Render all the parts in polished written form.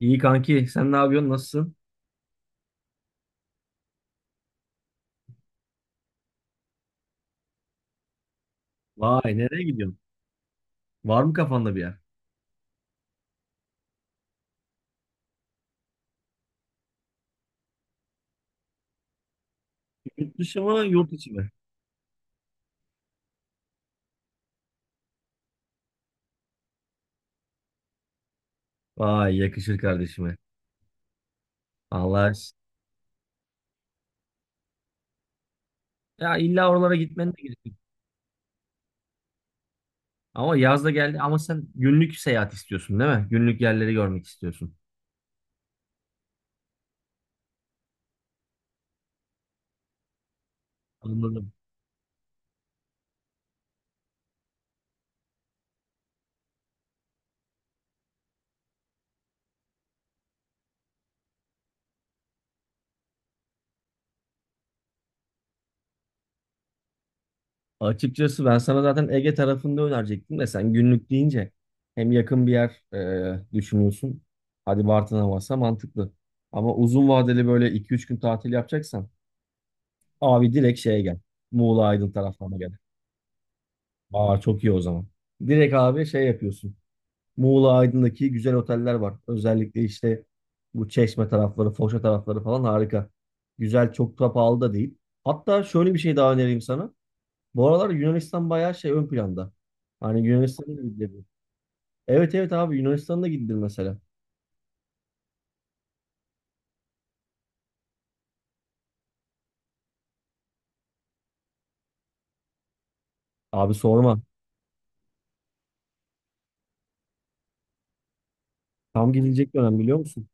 İyi kanki, sen ne yapıyorsun? Nasılsın? Vay, nereye gidiyorsun? Var mı kafanda bir yer? Yurt dışı mı, yurt içi mi? Vay, yakışır kardeşime. Allah. Ya illa oralara gitmen de gerekiyor. Ama yaz da geldi ama sen günlük seyahat istiyorsun değil mi? Günlük yerleri görmek istiyorsun. Anladım. Açıkçası ben sana zaten Ege tarafında önerecektim de sen günlük deyince hem yakın bir yer düşünüyorsun. Hadi Bartın'a varsa mantıklı. Ama uzun vadeli böyle iki üç gün tatil yapacaksan abi direkt şeye gel. Muğla Aydın taraflarına gel. Aa çok iyi o zaman. Direkt abi şey yapıyorsun. Muğla Aydın'daki güzel oteller var. Özellikle işte bu Çeşme tarafları, Foça tarafları falan harika. Güzel, çok da pahalı da değil. Hatta şöyle bir şey daha önereyim sana. Bu aralar Yunanistan bayağı şey ön planda. Hani Yunanistan'a da gidilebilir. Evet evet abi Yunanistan'a da gidilir mesela. Abi sorma. Tam gidilecek dönem biliyor musun?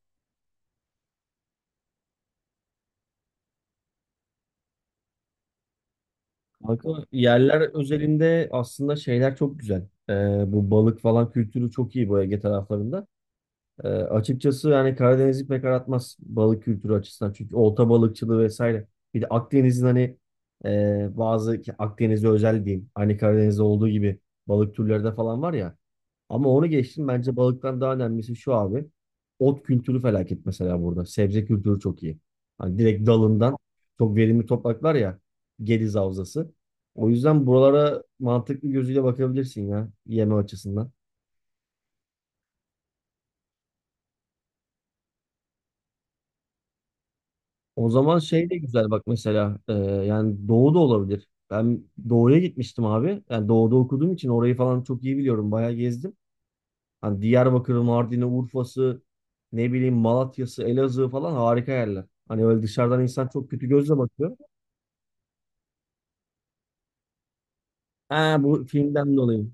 Kanka, yerler özelinde aslında şeyler çok güzel. Bu balık falan kültürü çok iyi bu Ege taraflarında. Açıkçası yani Karadeniz'i pek aratmaz balık kültürü açısından. Çünkü olta balıkçılığı vesaire. Bir de Akdeniz'in hani bazı ki Akdeniz'e özel diyeyim. Hani Karadeniz'de olduğu gibi balık türleri de falan var ya. Ama onu geçtim. Bence balıktan daha önemlisi şu abi. Ot kültürü felaket mesela burada. Sebze kültürü çok iyi. Hani direkt dalından çok verimli topraklar ya. Gediz Havzası. O yüzden buralara mantıklı gözüyle bakabilirsin ya yeme açısından. O zaman şey de güzel bak mesela yani doğu da olabilir. Ben doğuya gitmiştim abi. Yani doğuda okuduğum için orayı falan çok iyi biliyorum. Bayağı gezdim. Hani Diyarbakır, Mardin'i, Urfa'sı, ne bileyim Malatya'sı, Elazığ falan harika yerler. Hani öyle dışarıdan insan çok kötü gözle bakıyor. Ha bu filmden dolayı.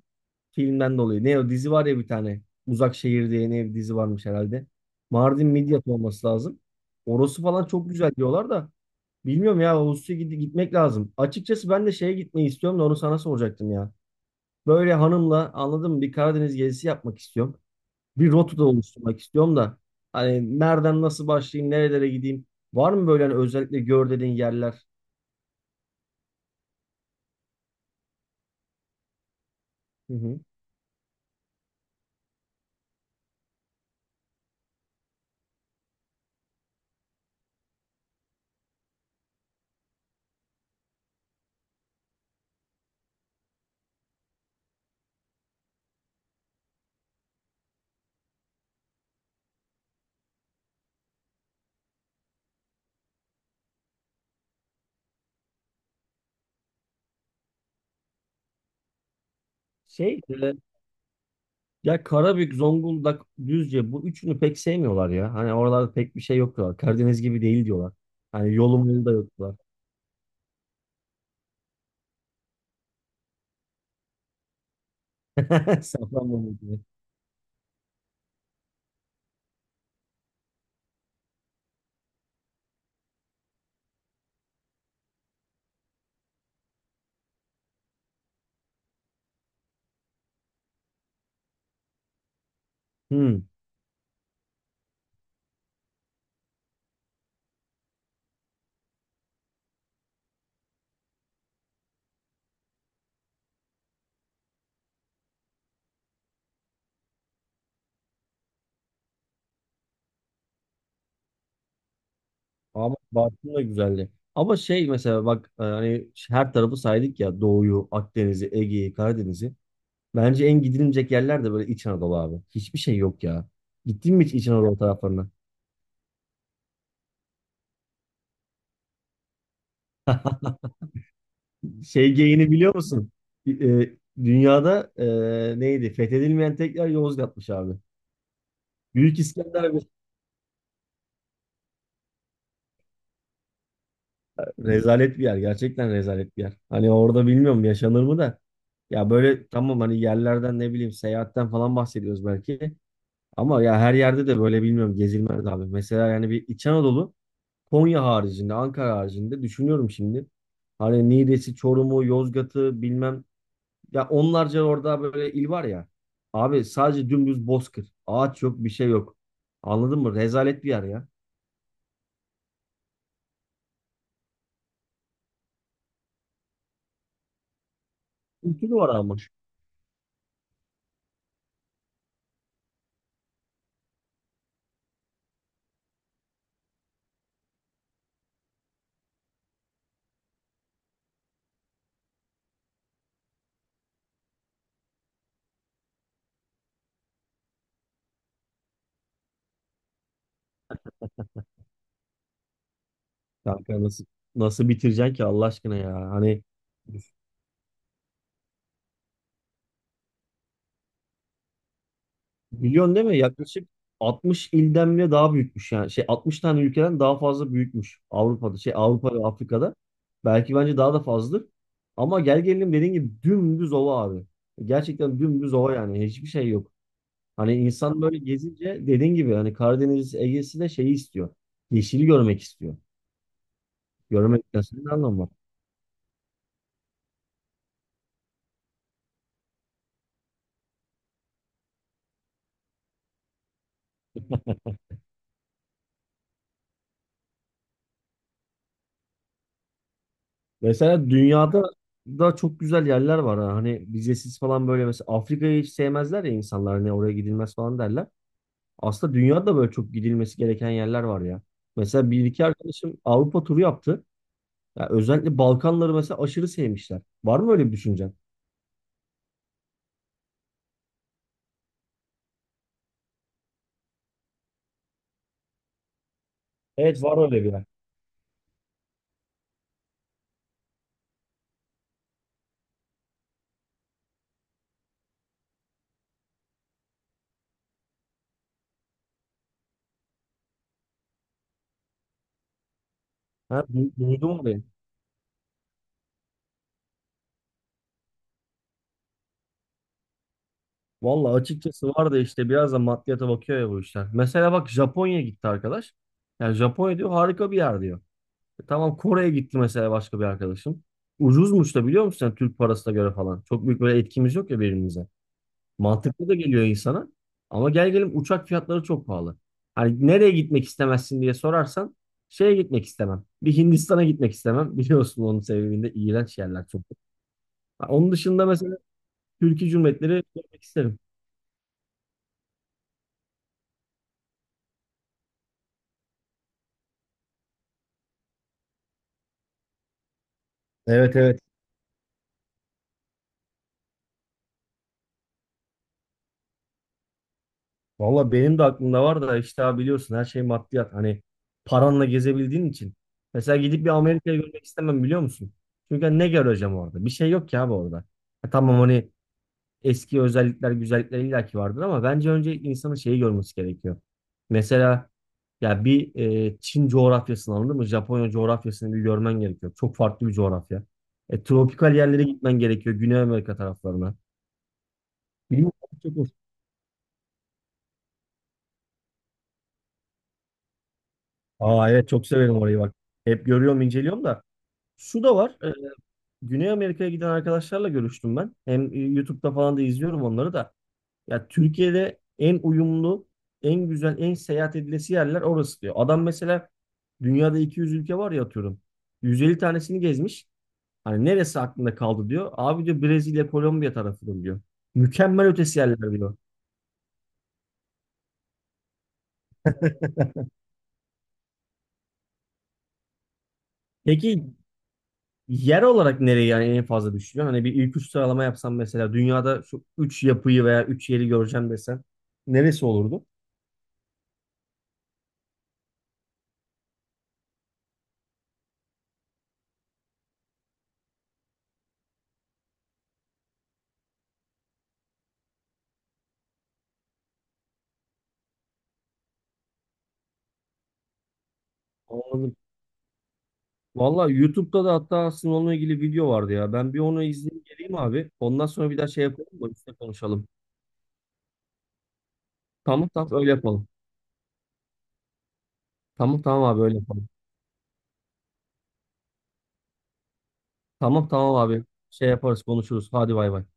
Filmden dolayı. Ne o dizi var ya bir tane. Uzak Şehir diye ne bir dizi varmış herhalde. Mardin Midyat olması lazım. Orası falan çok güzel diyorlar da. Bilmiyorum ya Ağustos'a gitmek lazım. Açıkçası ben de şeye gitmeyi istiyorum da onu sana soracaktım ya. Böyle hanımla anladın mı bir Karadeniz gezisi yapmak istiyorum. Bir rota da oluşturmak istiyorum da hani nereden nasıl başlayayım, nerelere gideyim? Var mı böyle hani özellikle gör dediğin yerler? Hı hı. Şey e, Ya Karabük, Zonguldak, Düzce bu üçünü pek sevmiyorlar ya. Hani oralarda pek bir şey yok diyorlar. Karadeniz gibi değil diyorlar. Hani yolum yolu da yok diyorlar. Safranbolu diye. Hı. Ama Bartın da güzeldi. Ama şey mesela bak hani her tarafı saydık ya Doğu'yu, Akdeniz'i, Ege'yi, Karadeniz'i. Bence en gidilmeyecek yerler de böyle İç Anadolu abi. Hiçbir şey yok ya. Gittin mi hiç İç Anadolu taraflarına? Şey geyini biliyor musun? E, Dünyada neydi? Fethedilmeyen tek yer Yozgat'mış abi. Büyük İskender bir rezalet bir yer. Gerçekten rezalet bir yer. Hani orada bilmiyorum yaşanır mı da. Ya böyle tamam hani yerlerden ne bileyim seyahatten falan bahsediyoruz belki. Ama ya her yerde de böyle bilmiyorum gezilmez abi. Mesela yani bir İç Anadolu Konya haricinde, Ankara haricinde düşünüyorum şimdi. Hani Niğde'si, Çorum'u, Yozgat'ı bilmem. Ya onlarca orada böyle il var ya. Abi sadece dümdüz bozkır. Ağaç yok, bir şey yok. Anladın mı? Rezalet bir yer ya. Kültürü var ama. Kanka nasıl bitireceksin ki Allah aşkına ya? Hani milyon değil mi? Yaklaşık 60 ilden bile daha büyükmüş yani. Şey 60 tane ülkeden daha fazla büyükmüş Avrupa'da. Şey Avrupa ve Afrika'da. Belki bence daha da fazladır. Ama gel gelelim dediğin gibi dümdüz ova abi. Gerçekten dümdüz ova yani. Hiçbir şey yok. Hani insan böyle gezince dediğin gibi hani Karadeniz Ege'si de şeyi istiyor. Yeşili görmek istiyor. Görmekten sonra ne anlamı var? Mesela dünyada da çok güzel yerler var. Ha. Hani vizesiz falan böyle mesela Afrika'yı hiç sevmezler ya insanlar. Hani oraya gidilmez falan derler. Aslında dünyada böyle çok gidilmesi gereken yerler var ya. Mesela bir iki arkadaşım Avrupa turu yaptı. Ya özellikle Balkanları mesela aşırı sevmişler. Var mı öyle bir düşüncen? Evet var öyle bir yer. Ha, duydum orayı. Valla açıkçası var da işte biraz da maddiyata bakıyor ya bu işler. Mesela bak Japonya gitti arkadaş. Yani Japonya diyor harika bir yer diyor. E tamam Kore'ye gitti mesela başka bir arkadaşım. Ucuzmuş da biliyor musun sen Türk parasına göre falan. Çok büyük böyle etkimiz yok ya birbirimize. Mantıklı da geliyor insana. Ama gel gelin uçak fiyatları çok pahalı. Hani nereye gitmek istemezsin diye sorarsan şeye gitmek istemem. Bir Hindistan'a gitmek istemem. Biliyorsun onun sebebinde iğrenç yerler çok. Ha, onun dışında mesela Türkiye Cumhuriyetleri görmek isterim. Evet evet. Valla benim de aklımda var da işte abi biliyorsun her şey maddiyat. Hani paranla gezebildiğin için. Mesela gidip bir Amerika'yı görmek istemem biliyor musun? Çünkü hani ne göreceğim orada? Bir şey yok ki abi orada. Ha, tamam hani eski özellikler, güzellikler illaki vardır ama bence önce insanın şeyi görmesi gerekiyor. Mesela ya bir Çin coğrafyasını anladın mı? Japonya coğrafyasını bir görmen gerekiyor. Çok farklı bir coğrafya. Tropikal yerlere gitmen gerekiyor. Güney Amerika taraflarına. Bilmiyorum, çok hoş. Aa evet çok severim orayı bak. Hep görüyorum, inceliyorum da. Şu da var. Güney Amerika'ya giden arkadaşlarla görüştüm ben. Hem YouTube'da falan da izliyorum onları da. Ya Türkiye'de en uyumlu, en güzel, en seyahat edilesi yerler orası diyor. Adam mesela dünyada 200 ülke var ya atıyorum. 150 tanesini gezmiş. Hani neresi aklında kaldı diyor. Abi diyor Brezilya, Kolombiya tarafıdır diyor. Mükemmel ötesi yerler diyor. Peki yer olarak nereye yani en fazla düşünüyorsun? Hani bir ilk üç sıralama yapsam mesela dünyada şu üç yapıyı veya üç yeri göreceğim desen neresi olurdu? Vallahi YouTube'da da hatta aslında onunla ilgili video vardı ya. Ben bir onu izleyeyim geleyim abi. Ondan sonra bir daha şey yapalım mı? Üstüne konuşalım. Tamam tamam öyle yapalım. Tamam tamam abi öyle yapalım. Tamam tamam abi. Şey yaparız konuşuruz. Hadi bay bay.